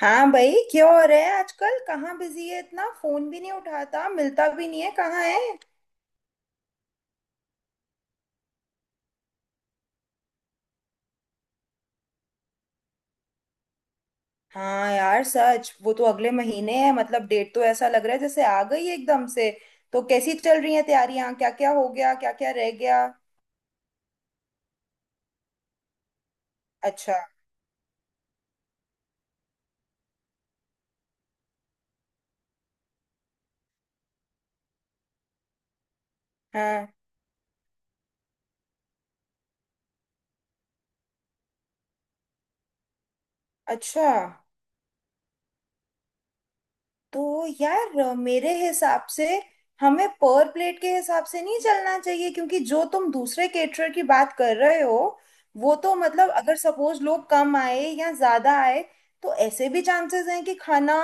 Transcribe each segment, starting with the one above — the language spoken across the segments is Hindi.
हाँ भाई, क्या हो रहा है आजकल। कहाँ बिजी है, इतना फोन भी नहीं उठाता, मिलता भी नहीं है, कहाँ है। हाँ यार सच, वो तो अगले महीने है। मतलब डेट तो ऐसा लग रहा है जैसे आ गई है एकदम से। तो कैसी चल रही है तैयारियां, क्या क्या हो गया, क्या क्या रह गया? अच्छा। हाँ। अच्छा। तो यार मेरे हिसाब से हमें पर प्लेट के हिसाब से नहीं चलना चाहिए, क्योंकि जो तुम दूसरे केटरर की बात कर रहे हो, वो तो मतलब अगर सपोज लोग कम आए या ज्यादा आए तो ऐसे भी चांसेस हैं कि खाना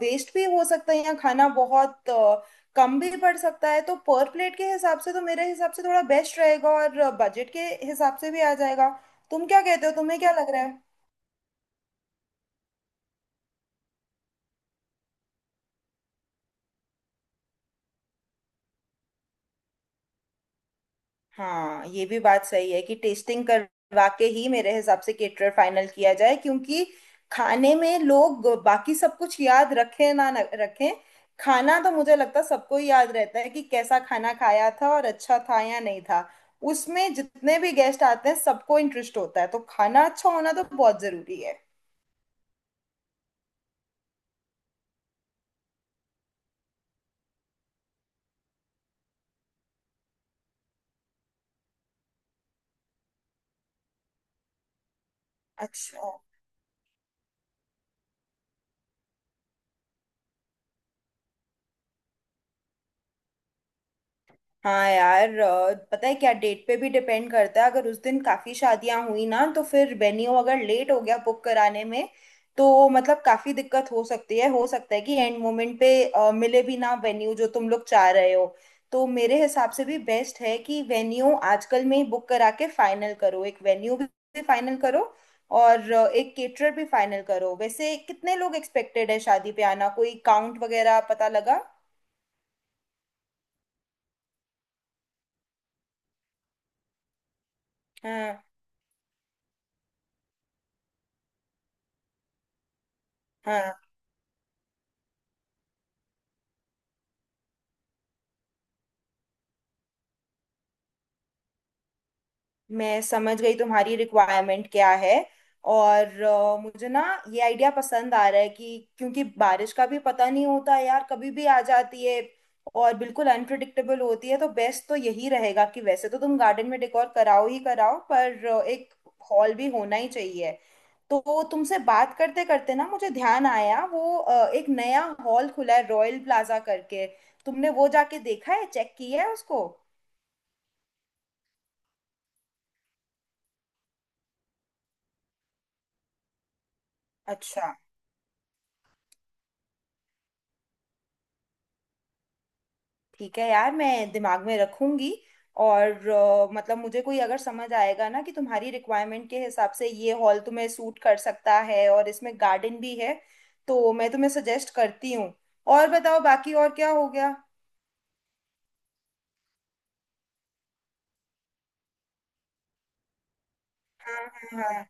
वेस्ट भी हो सकता है या खाना बहुत कम भी पड़ सकता है। तो पर प्लेट के हिसाब से तो मेरे हिसाब से थोड़ा बेस्ट रहेगा और बजट के हिसाब से भी आ जाएगा। तुम क्या कहते हो, तुम्हें क्या लग रहा है? हाँ, ये भी बात सही है कि टेस्टिंग करवा के ही मेरे हिसाब से केटरर फाइनल किया जाए, क्योंकि खाने में लोग बाकी सब कुछ याद रखें ना रखें, खाना तो मुझे लगता है सबको ही याद रहता है कि कैसा खाना खाया था और अच्छा था या नहीं था। उसमें जितने भी गेस्ट आते हैं सबको इंटरेस्ट होता है, तो खाना अच्छा होना तो बहुत जरूरी है। अच्छा। हाँ यार पता है क्या, डेट पे भी डिपेंड करता है। अगर उस दिन काफी शादियां हुई ना तो फिर वेन्यू अगर लेट हो गया बुक कराने में तो मतलब काफी दिक्कत हो सकती है। हो सकता है कि एंड मोमेंट पे मिले भी ना वेन्यू जो तुम लोग चाह रहे हो। तो मेरे हिसाब से भी बेस्ट है कि वेन्यू आजकल में ही बुक करा के फाइनल करो, एक वेन्यू भी फाइनल करो और एक केटरर भी फाइनल करो। वैसे कितने लोग एक्सपेक्टेड है शादी पे आना, कोई काउंट वगैरह पता लगा? हाँ। हाँ। मैं समझ गई तुम्हारी रिक्वायरमेंट क्या है। और मुझे ना ये आइडिया पसंद आ रहा है कि क्योंकि बारिश का भी पता नहीं होता यार, कभी भी आ जाती है और बिल्कुल अनप्रिडिक्टेबल होती है। तो बेस्ट तो यही रहेगा कि वैसे तो तुम गार्डन में डेकोर कराओ ही कराओ, पर एक हॉल भी होना ही चाहिए। तो तुमसे बात करते करते ना मुझे ध्यान आया, वो एक नया हॉल खुला है रॉयल प्लाजा करके। तुमने वो जाके देखा है, चेक किया है उसको? अच्छा। ठीक है यार, मैं दिमाग में रखूंगी। और मतलब मुझे कोई अगर समझ आएगा ना कि तुम्हारी रिक्वायरमेंट के हिसाब से ये हॉल तुम्हें सूट कर सकता है और इसमें गार्डन भी है, तो मैं तुम्हें सजेस्ट करती हूँ। और बताओ, बाकी और क्या हो गया? हाँ। हाँ हाँ।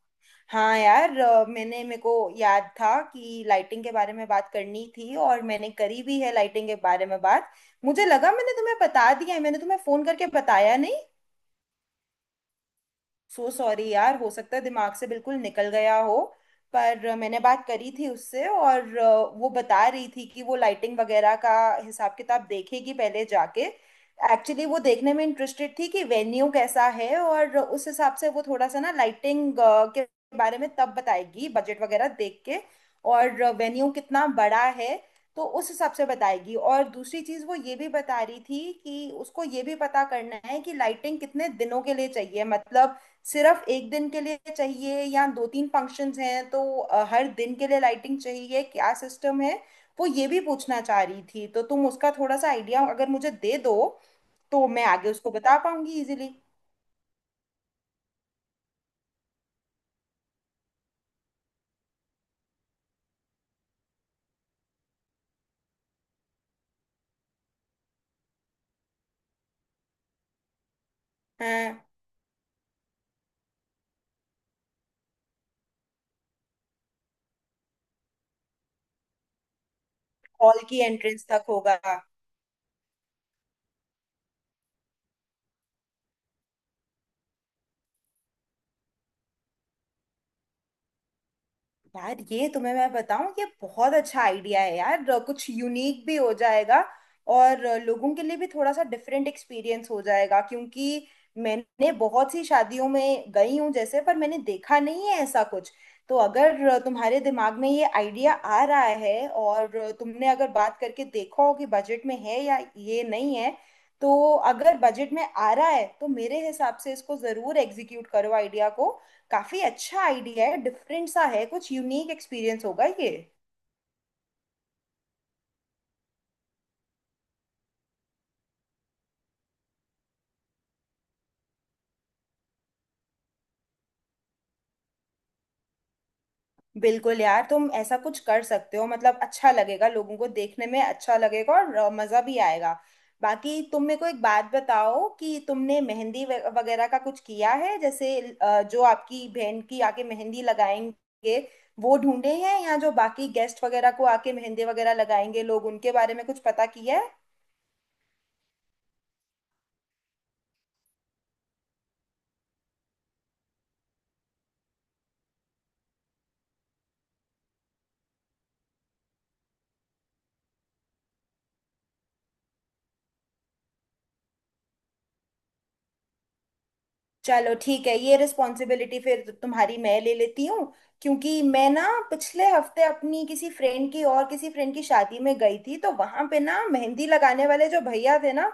हाँ यार मैंने, मेरे को याद था कि लाइटिंग के बारे में बात करनी थी और मैंने करी भी है लाइटिंग के बारे में बात। मुझे लगा मैंने तुम्हें बता दिया है, मैंने तुम्हें फोन करके बताया नहीं। सो सॉरी यार, हो सकता है दिमाग से बिल्कुल निकल गया हो। पर मैंने बात करी थी उससे और वो बता रही थी कि वो लाइटिंग वगैरह का हिसाब किताब देखेगी पहले जाके। एक्चुअली वो देखने में इंटरेस्टेड थी कि वेन्यू कैसा है और उस हिसाब से वो थोड़ा सा ना लाइटिंग के बारे में तब बताएगी, बजट वगैरह देख के और वेन्यू कितना बड़ा है तो उस हिसाब से बताएगी। और दूसरी चीज वो ये भी बता रही थी कि उसको ये भी पता करना है कि लाइटिंग कितने दिनों के लिए चाहिए, मतलब सिर्फ एक दिन के लिए चाहिए या दो तीन फंक्शंस हैं तो हर दिन के लिए लाइटिंग चाहिए, क्या सिस्टम है। वो ये भी पूछना चाह रही थी, तो तुम उसका थोड़ा सा आइडिया अगर मुझे दे दो तो मैं आगे उसको बता पाऊंगी इजीली। हाँ। हॉल की एंट्रेंस तक होगा। यार ये तुम्हें मैं बताऊं, ये बहुत अच्छा आइडिया है यार, कुछ यूनिक भी हो जाएगा और लोगों के लिए भी थोड़ा सा डिफरेंट एक्सपीरियंस हो जाएगा, क्योंकि मैंने बहुत सी शादियों में गई हूँ जैसे, पर मैंने देखा नहीं है ऐसा कुछ। तो अगर तुम्हारे दिमाग में ये आइडिया आ रहा है और तुमने अगर बात करके देखा हो कि बजट में है या ये नहीं है, तो अगर बजट में आ रहा है तो मेरे हिसाब से इसको जरूर एग्जीक्यूट करो, आइडिया को। काफी अच्छा आइडिया है, डिफरेंट सा है, कुछ यूनिक एक्सपीरियंस होगा ये। बिल्कुल यार, तुम ऐसा कुछ कर सकते हो, मतलब अच्छा लगेगा लोगों को, देखने में अच्छा लगेगा और मजा भी आएगा। बाकी तुम मेरे को एक बात बताओ, कि तुमने मेहंदी वगैरह का कुछ किया है? जैसे जो आपकी बहन की आके मेहंदी लगाएंगे वो ढूंढे हैं, या जो बाकी गेस्ट वगैरह को आके मेहंदी वगैरह लगाएंगे लोग, उनके बारे में कुछ पता किया है? चलो ठीक है, ये रिस्पॉन्सिबिलिटी फिर तो तुम्हारी मैं ले लेती हूँ, क्योंकि मैं ना पिछले हफ्ते अपनी किसी फ्रेंड की और किसी फ्रेंड की शादी में गई थी तो वहां पे ना मेहंदी लगाने वाले जो भैया थे ना,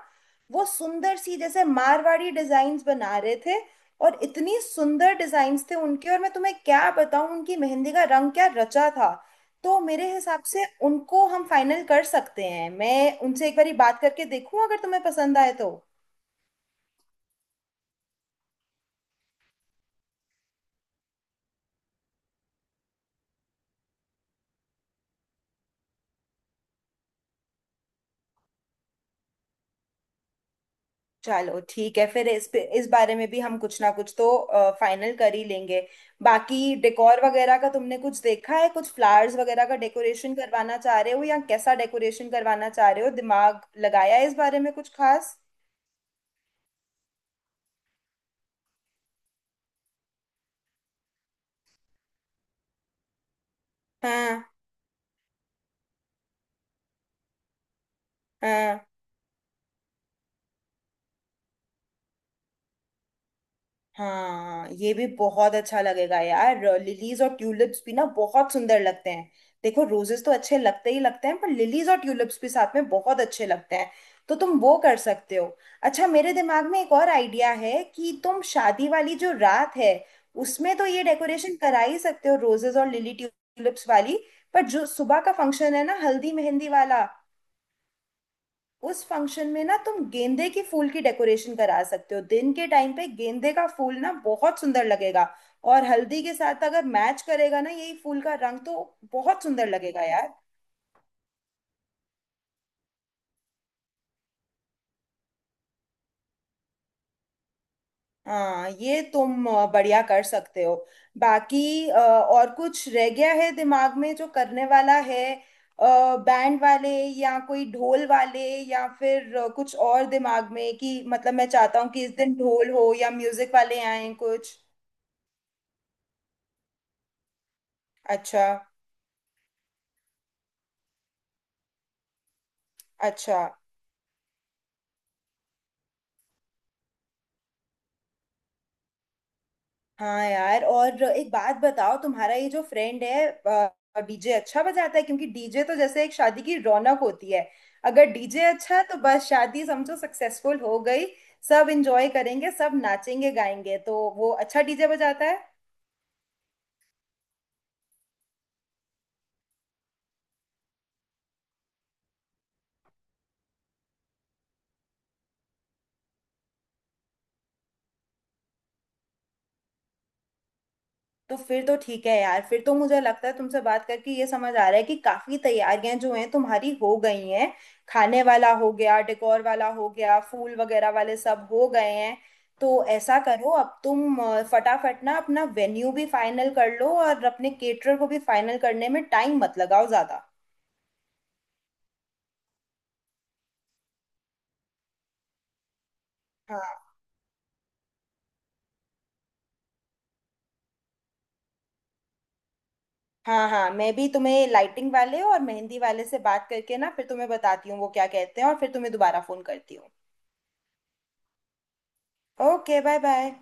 वो सुंदर सी जैसे मारवाड़ी डिजाइन्स बना रहे थे, और इतनी सुंदर डिजाइन्स थे उनके, और मैं तुम्हें क्या बताऊं उनकी मेहंदी का रंग क्या रचा था। तो मेरे हिसाब से उनको हम फाइनल कर सकते हैं। मैं उनसे एक बारी बात करके देखूं, अगर तुम्हें पसंद आए तो। चलो ठीक है, फिर इस पे, इस बारे में भी हम कुछ ना कुछ तो फाइनल कर ही लेंगे। बाकी डेकोर वगैरह का तुमने कुछ देखा है, कुछ फ्लावर्स वगैरह का डेकोरेशन करवाना चाह रहे हो या कैसा डेकोरेशन करवाना चाह रहे हो, दिमाग लगाया है इस बारे में कुछ खास? हाँ। हाँ। हाँ, ये भी बहुत अच्छा लगेगा यार, लिलीज और ट्यूलिप्स भी ना बहुत सुंदर लगते हैं। देखो रोजेस तो अच्छे लगते ही लगते हैं, पर लिलीज और ट्यूलिप्स भी साथ में बहुत अच्छे लगते हैं। तो तुम वो कर सकते हो। अच्छा, मेरे दिमाग में एक और आइडिया है कि तुम शादी वाली जो रात है उसमें तो ये डेकोरेशन करा ही सकते हो, रोजेस और लिली ट्यूलिप्स वाली, पर जो सुबह का फंक्शन है ना हल्दी मेहंदी वाला, उस फंक्शन में ना तुम गेंदे के फूल की डेकोरेशन करा सकते हो। दिन के टाइम पे गेंदे का फूल ना बहुत सुंदर लगेगा और हल्दी के साथ अगर मैच करेगा ना यही फूल का रंग, तो बहुत सुंदर लगेगा यार। हाँ ये तुम बढ़िया कर सकते हो। बाकी और कुछ रह गया है दिमाग में जो करने वाला है? बैंड वाले, या कोई ढोल वाले, या फिर कुछ और दिमाग में कि मतलब मैं चाहता हूँ कि इस दिन ढोल हो या म्यूजिक वाले आए कुछ? अच्छा। अच्छा। हाँ यार, और एक बात बताओ, तुम्हारा ये जो फ्रेंड है डीजे अच्छा बजाता है? क्योंकि डीजे तो जैसे एक शादी की रौनक होती है, अगर डीजे अच्छा है तो बस शादी समझो सक्सेसफुल हो गई। सब एंजॉय करेंगे, सब नाचेंगे गाएंगे, तो वो अच्छा डीजे बजाता है? तो फिर तो ठीक है यार, फिर तो मुझे लगता है तुमसे बात करके ये समझ आ रहा है कि काफी तैयारियां जो हैं तुम्हारी हो गई हैं, खाने वाला हो गया, डेकोर वाला हो गया, फूल वगैरह वाले सब हो गए हैं। तो ऐसा करो, अब तुम फटाफट ना अपना वेन्यू भी फाइनल कर लो और अपने केटरर को भी फाइनल करने में टाइम मत लगाओ ज्यादा। हाँ। हाँ। हाँ मैं भी तुम्हें लाइटिंग वाले और मेहंदी वाले से बात करके ना फिर तुम्हें बताती हूँ वो क्या कहते हैं, और फिर तुम्हें दोबारा फोन करती हूँ। Okay bye bye.